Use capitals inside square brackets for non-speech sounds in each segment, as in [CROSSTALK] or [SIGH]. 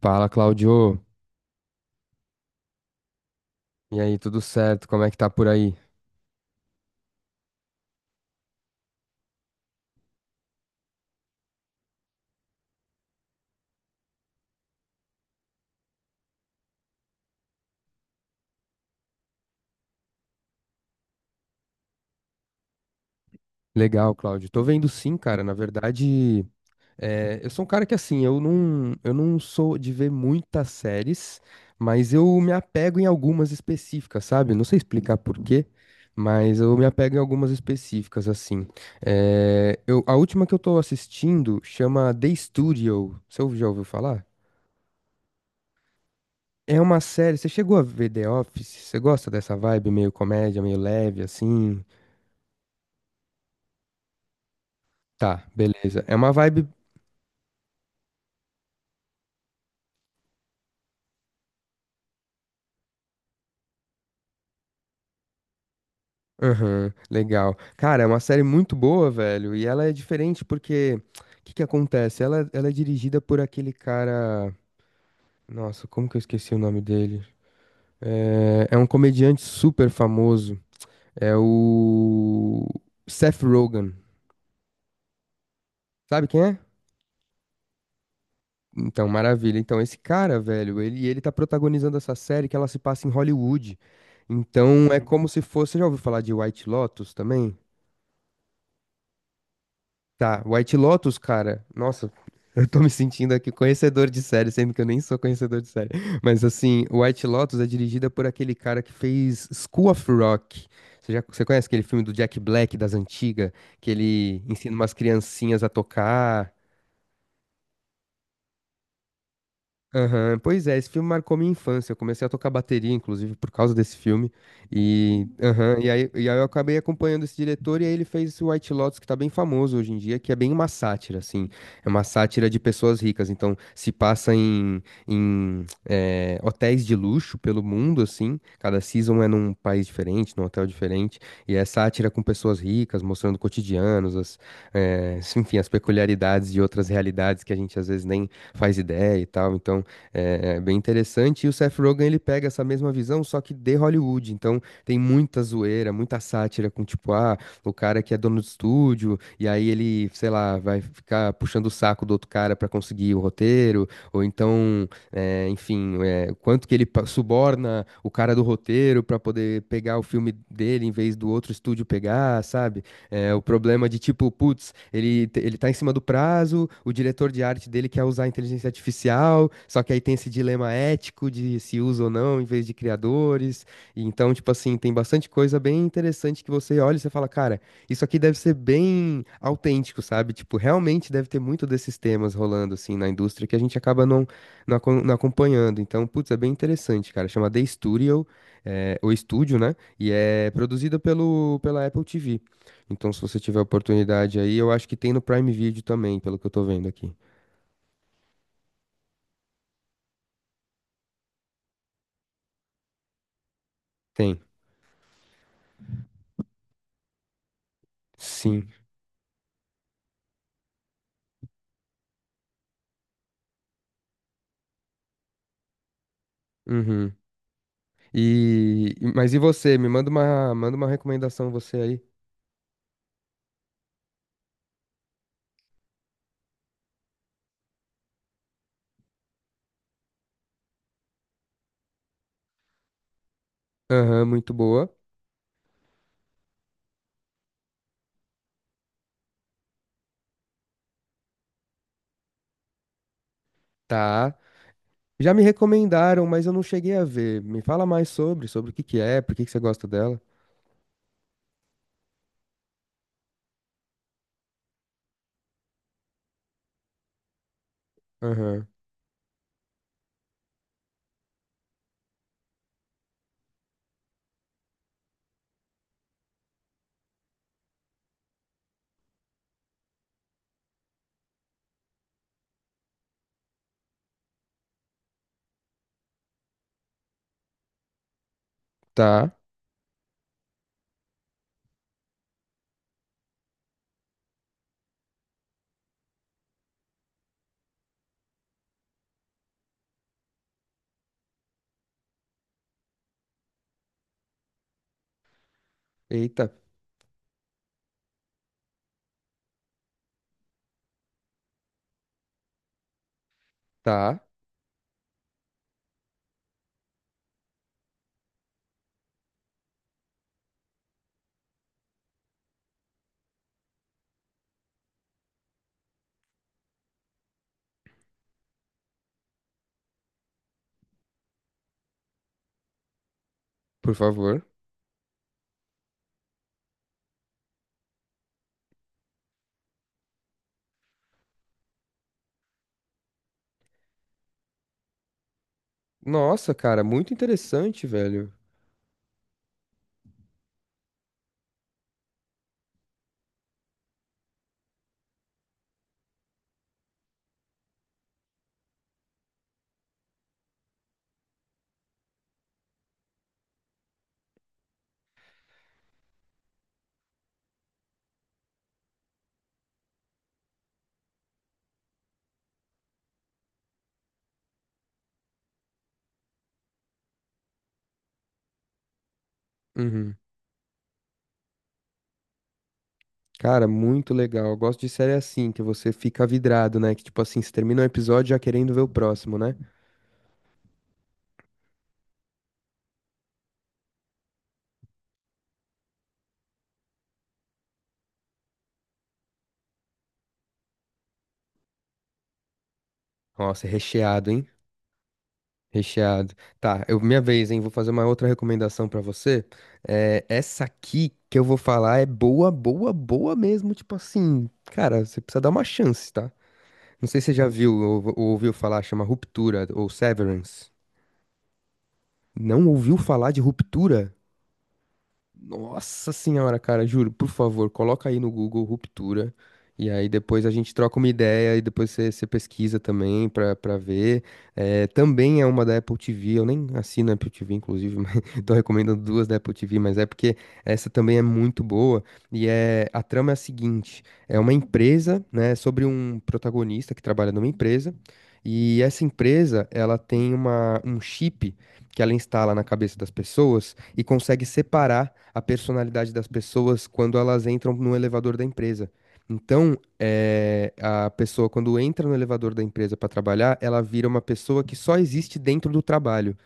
Fala, Cláudio. E aí, tudo certo? Como é que tá por aí? Legal, Cláudio. Tô vendo sim, cara. Na verdade, eu sou um cara que assim, eu não sou de ver muitas séries, mas eu me apego em algumas específicas, sabe? Não sei explicar por quê, mas eu me apego em algumas específicas, assim. Eu, a última que eu tô assistindo chama The Studio. Você já ouviu falar? É uma série. Você chegou a ver The Office? Você gosta dessa vibe meio comédia, meio leve, assim? Tá, beleza. É uma vibe. Aham, legal. Cara, é uma série muito boa, velho. E ela é diferente porque. O que que acontece? Ela é dirigida por aquele cara. Nossa, como que eu esqueci o nome dele? É um comediante super famoso. É o. Seth Rogen. Sabe quem é? Então, maravilha. Então, esse cara, velho, ele tá protagonizando essa série que ela se passa em Hollywood. Então, é como se fosse. Você já ouviu falar de White Lotus também? Tá, White Lotus, cara. Nossa, [LAUGHS] eu tô me sentindo aqui conhecedor de série, sendo que eu nem sou conhecedor de série. Mas assim, White Lotus é dirigida por aquele cara que fez School of Rock. Você conhece aquele filme do Jack Black das antigas, que ele ensina umas criancinhas a tocar? Aham, pois é, esse filme marcou minha infância. Eu comecei a tocar bateria, inclusive, por causa desse filme. E, aham, e aí eu acabei acompanhando esse diretor, e aí ele fez esse White Lotus, que tá bem famoso hoje em dia, que é bem uma sátira, assim. É uma sátira de pessoas ricas. Então, se passa em hotéis de luxo pelo mundo, assim. Cada season é num país diferente, num hotel diferente. E é sátira com pessoas ricas, mostrando cotidianos, as, enfim, as peculiaridades de outras realidades que a gente às vezes nem faz ideia e tal. Então. É, é bem interessante. E o Seth Rogen, ele pega essa mesma visão, só que de Hollywood. Então, tem muita zoeira, muita sátira com, tipo, ah, o cara que é dono do estúdio, e aí ele, sei lá, vai ficar puxando o saco do outro cara pra conseguir o roteiro, ou então, é, enfim, é, quanto que ele pa- suborna o cara do roteiro pra poder pegar o filme dele em vez do outro estúdio pegar, sabe? É, o problema de tipo, putz, ele, te- ele tá em cima do prazo, o diretor de arte dele quer usar a inteligência artificial, só que aí tem esse dilema ético de se usa ou não em vez de criadores. E então, tipo assim, tem bastante coisa bem interessante que você olha e você fala, cara, isso aqui deve ser bem autêntico, sabe? Tipo, realmente deve ter muito desses temas rolando assim na indústria que a gente acaba não, não, acom- não acompanhando. Então, putz, é bem interessante, cara. Chama The Studio, é, o estúdio, né? E é produzido pela Apple TV. Então, se você tiver oportunidade aí, eu acho que tem no Prime Video também, pelo que eu tô vendo aqui. Tem. Sim. Uhum. E- mas e você? Me manda uma recomendação você aí. Aham, muito boa. Tá. Já me recomendaram, mas eu não cheguei a ver. Me fala mais sobre, sobre o que que é, por que que você gosta dela. Aham. Tá. Eita. Tá. Por favor. Nossa, cara, muito interessante, velho. Uhum. Cara, muito legal. Eu gosto de série assim, que você fica vidrado, né? Que tipo assim, você termina um episódio já querendo ver o próximo, né? Nossa, é recheado, hein? Recheado. Tá, eu, minha vez, hein? Vou fazer uma outra recomendação pra você. É, essa aqui que eu vou falar é boa, boa, boa mesmo. Tipo assim, cara, você precisa dar uma chance, tá? Não sei se você já viu ou ouviu falar, chama Ruptura ou Severance. Não ouviu falar de Ruptura? Nossa senhora, cara, juro, por favor, coloca aí no Google ruptura. E aí depois a gente troca uma ideia e depois você pesquisa também pra ver. Também é uma da Apple TV, eu nem assino a Apple TV, inclusive, [LAUGHS] mas tô recomendando duas da Apple TV, mas é porque essa também é muito boa. E é, a trama é a seguinte: é uma empresa, né, sobre um protagonista que trabalha numa empresa. E essa empresa, ela tem uma, um chip que ela instala na cabeça das pessoas e consegue separar a personalidade das pessoas quando elas entram no elevador da empresa. Então, a pessoa, quando entra no elevador da empresa para trabalhar, ela vira uma pessoa que só existe dentro do trabalho.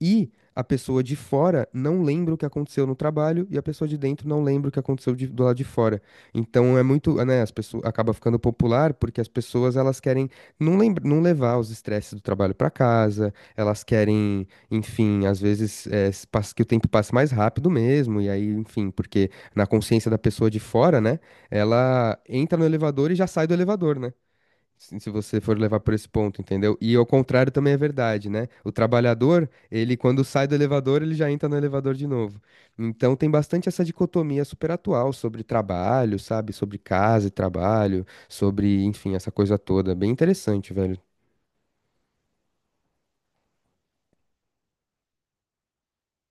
E a pessoa de fora não lembra o que aconteceu no trabalho e a pessoa de dentro não lembra o que aconteceu de- do lado de fora. Então é muito, né, as pessoas acaba ficando popular porque as pessoas elas querem não lembra, não levar os estresses do trabalho para casa, elas querem, enfim, às vezes é, s- pas- que o tempo passe mais rápido mesmo e aí, enfim, porque na consciência da pessoa de fora, né, ela entra no elevador e já sai do elevador, né? Se você for levar por esse ponto, entendeu? E ao contrário também é verdade, né? O trabalhador, ele quando sai do elevador, ele já entra no elevador de novo. Então tem bastante essa dicotomia super atual sobre trabalho, sabe? Sobre casa e trabalho, sobre, enfim, essa coisa toda. Bem interessante, velho.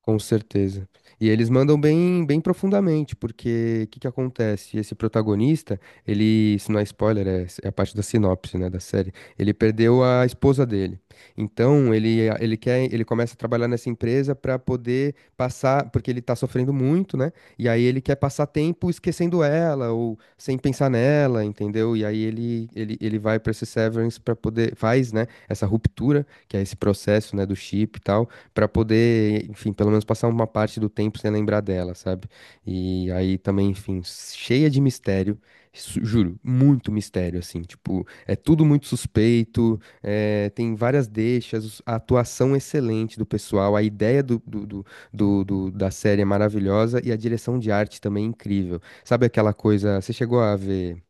Com certeza. E eles mandam bem, bem profundamente, porque o que que acontece? Esse protagonista, ele, se não é spoiler, é a parte da sinopse, né, da série. Ele perdeu a esposa dele. Então, ele começa a trabalhar nessa empresa para poder passar, porque ele tá sofrendo muito, né? E aí ele quer passar tempo esquecendo ela ou sem pensar nela, entendeu? E aí ele vai para esse Severance para poder faz, né, essa ruptura, que é esse processo, né, do chip e tal. Pra poder, enfim, pelo menos passar uma parte do tempo sem lembrar dela, sabe? E aí também, enfim, cheia de mistério, su- juro, muito mistério, assim, tipo, é tudo muito suspeito, é, tem várias deixas, os- a atuação excelente do pessoal, a ideia da série é maravilhosa e a direção de arte também é incrível. Sabe aquela coisa, você chegou a ver,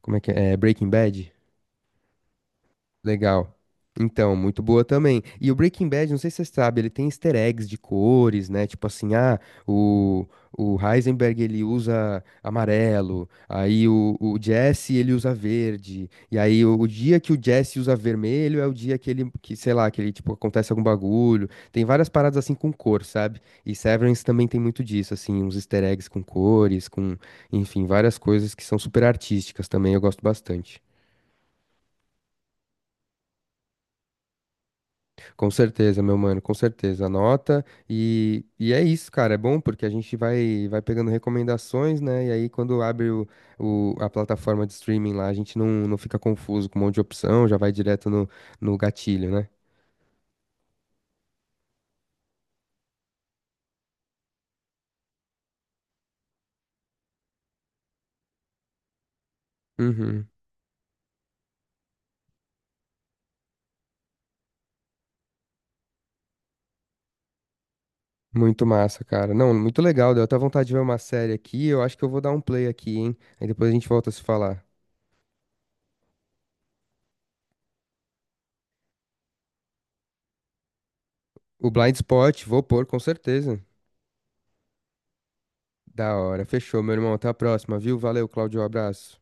como é que é, é, Breaking Bad? Legal. Então, muito boa também. E o Breaking Bad, não sei se você sabe, ele tem easter eggs de cores, né? Tipo assim, ah, o, o Heisenberg ele usa amarelo, aí o Jesse ele usa verde, e aí o dia que o Jesse usa vermelho é o dia que ele, que, sei lá, que ele, tipo, acontece algum bagulho. Tem várias paradas assim com cor, sabe? E Severance também tem muito disso, assim, uns easter eggs com cores, com, enfim, várias coisas que são super artísticas também, eu gosto bastante. Com certeza, meu mano, com certeza. Anota e é isso, cara. É bom porque a gente vai, vai pegando recomendações, né? E aí, quando abre a plataforma de streaming lá, a gente não, não fica confuso com um monte de opção, já vai direto no gatilho, né? Uhum. Muito massa, cara. Não, muito legal. Deu até vontade de ver uma série aqui. Eu acho que eu vou dar um play aqui, hein? Aí depois a gente volta a se falar. O Blind Spot, vou pôr, com certeza. Da hora. Fechou, meu irmão. Até a próxima, viu? Valeu, Claudio. Abraço.